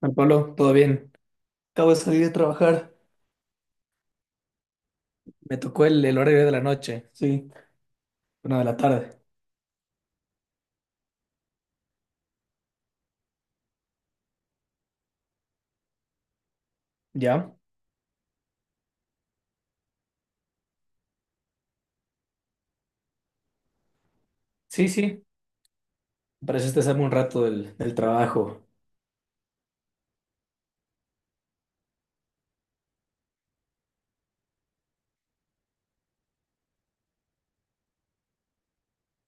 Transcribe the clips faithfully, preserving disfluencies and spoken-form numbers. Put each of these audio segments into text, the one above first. Juan Pablo, todo bien. Acabo de salir de trabajar. Me tocó el, el horario de la noche, sí, una de la tarde. ¿Ya? Sí, sí. Pareciste salirme un rato del, del trabajo.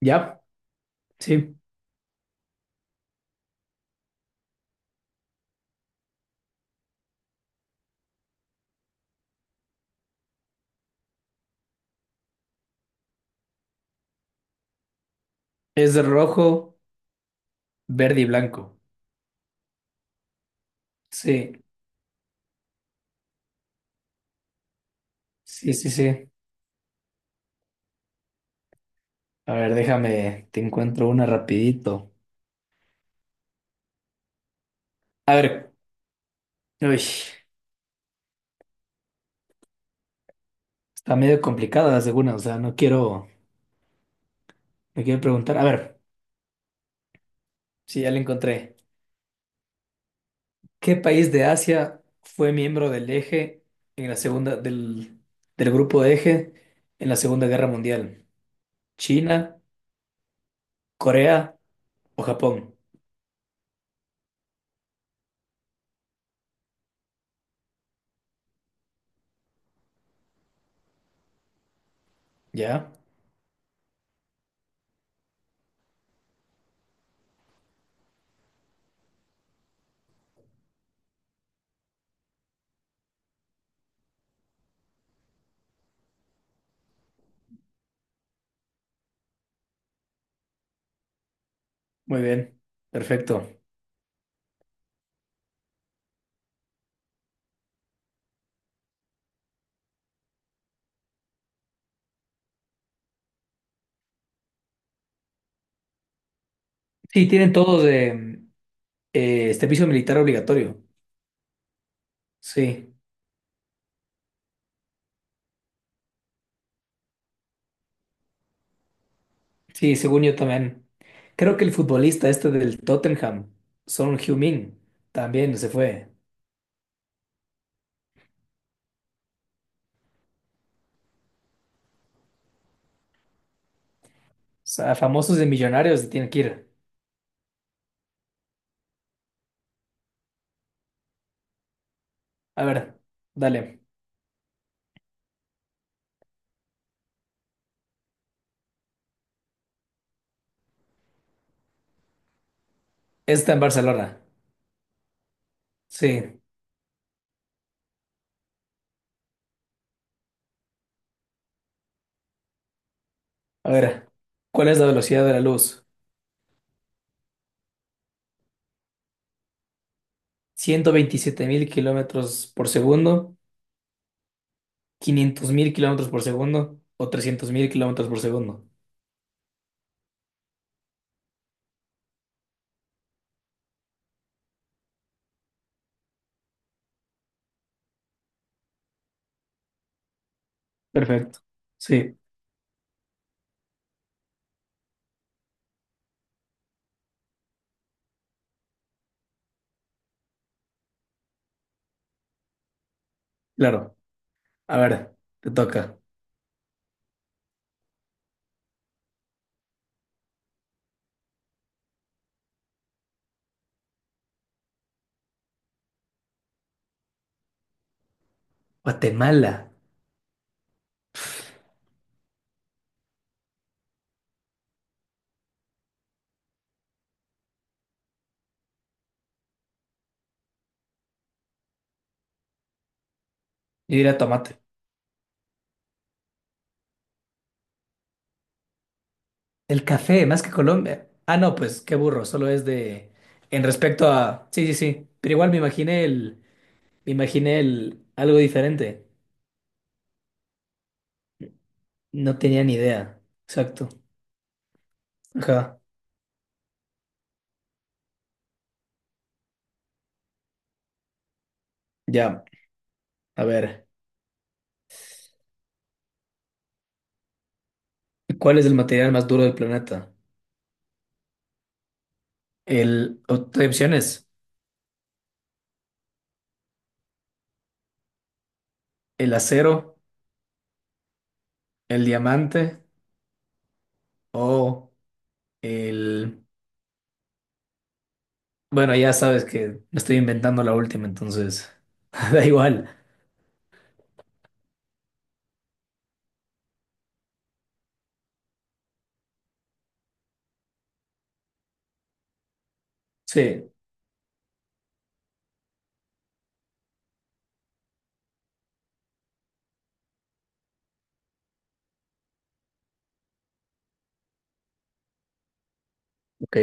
¿Ya? Sí. Es de rojo, verde y blanco. Sí, sí, sí, sí. A ver, déjame, te encuentro una rapidito. A ver, uy, está medio complicada la segunda, o sea, no quiero, no quiero preguntar. A ver, sí, ya la encontré. ¿Qué país de Asia fue miembro del eje en la segunda del, del grupo de eje en la Segunda Guerra Mundial? ¿China, Corea o Japón? ¿Ya? Muy bien. Perfecto. Sí, tienen todos eh, eh, este servicio militar obligatorio. Sí, sí, según yo también. Creo que el futbolista este del Tottenham, Son Heung-min, también se fue. O sea, famosos de millonarios se tienen que ir. A ver, dale. Está en Barcelona. Sí. A ver, ¿cuál es la velocidad de la luz? ¿Ciento veintisiete mil kilómetros por segundo? ¿Quinientos mil kilómetros por segundo? ¿O trescientos mil kilómetros por segundo? Perfecto. Sí, claro. A ver, te toca. Guatemala. Yo diría tomate. El café, más que Colombia. Ah, no, pues qué burro, solo es de... En respecto a... Sí, sí, sí. Pero igual me imaginé el... Me imaginé el algo diferente. No tenía ni idea. Exacto. Ajá. Ya. A ver, ¿cuál es el material más duro del planeta? El, o- hay opciones, el acero, el diamante o el... Bueno, ya sabes que me estoy inventando la última, entonces da igual. Sí, ok.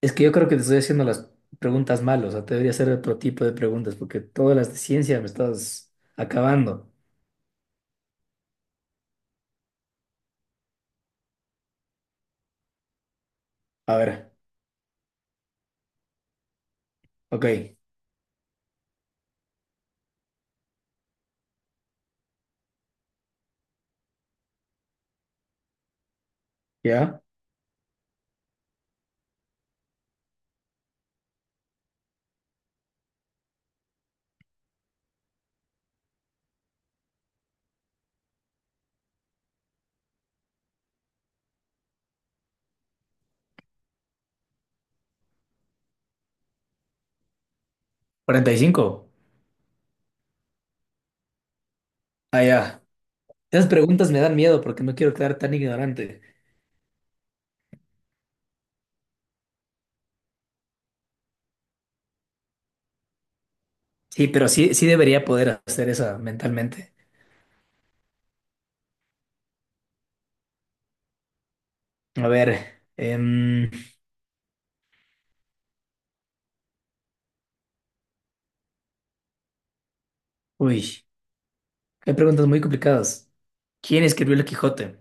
Es que yo creo que te estoy haciendo las preguntas mal, o sea, te debería hacer otro tipo de preguntas porque todas las de ciencia me estás acabando. A ver, ok, ¿ya? ¿cuarenta y cinco? Ah, ya. Esas preguntas me dan miedo porque no quiero quedar tan ignorante. Sí, pero sí, sí debería poder hacer eso mentalmente. A ver, em, uy, hay preguntas muy complicadas. ¿Quién escribió El Quijote?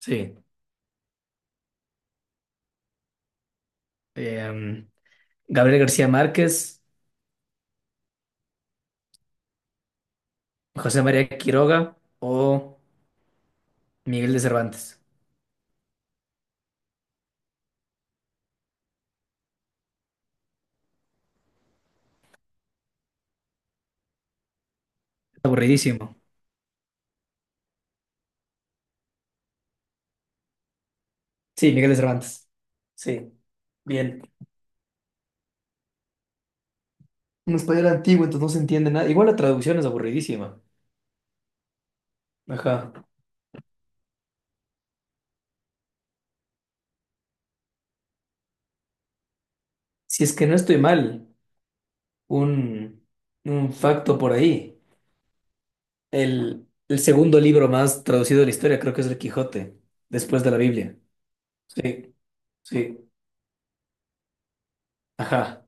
Sí. em, Gabriel García Márquez, José María Quiroga o Miguel de Cervantes. Aburridísimo. Sí, Miguel de Cervantes. Sí, bien. Un español antiguo, entonces no se entiende nada. Igual la traducción es aburridísima. Ajá. Si es que no estoy mal, un, un facto por ahí. El, el segundo libro más traducido de la historia creo que es el Quijote, después de la Biblia. Sí, sí, ajá.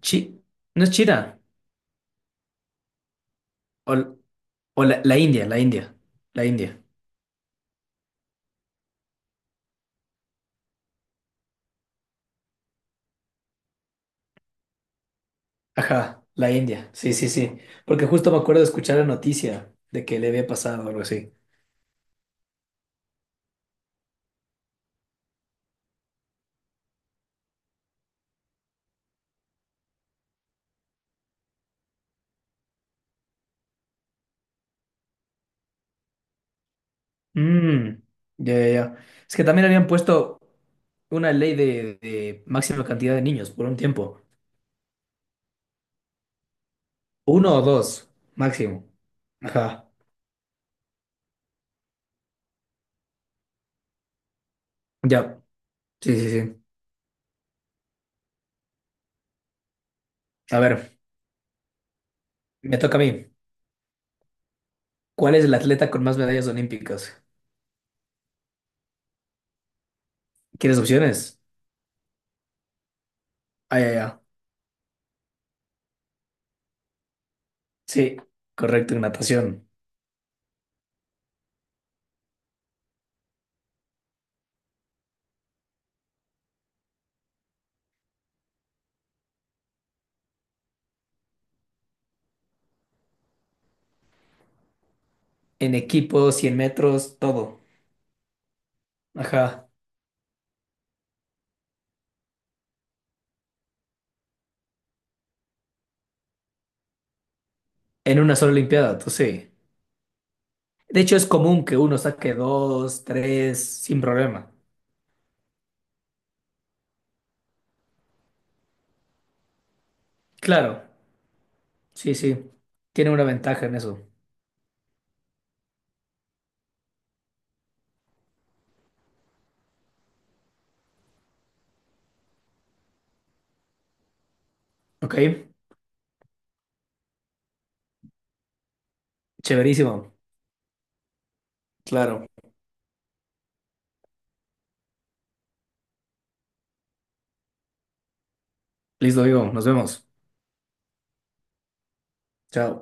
Chi, no es China, o, o la, la India, la India, la India. Ajá, la India, sí, sí, sí. Porque justo me acuerdo de escuchar la noticia de que le había pasado algo así. Mm, ya, ya, ya. Es que también habían puesto una ley de, de máxima cantidad de niños por un tiempo. Uno o dos, máximo. Ajá, ya, sí, sí, sí. A ver. Me toca a mí. ¿Cuál es el atleta con más medallas olímpicas? ¿Quieres opciones? Ah, ya, ya. Sí, correcto, en natación. En equipo, cien metros, todo. Ajá. En una sola olimpiada, tú sí. De hecho, es común que uno saque dos, tres, sin problema. Claro, sí, sí. Tiene una ventaja en eso. ¿Ok? Chéverísimo. Claro. Listo, digo. Nos vemos. Chao.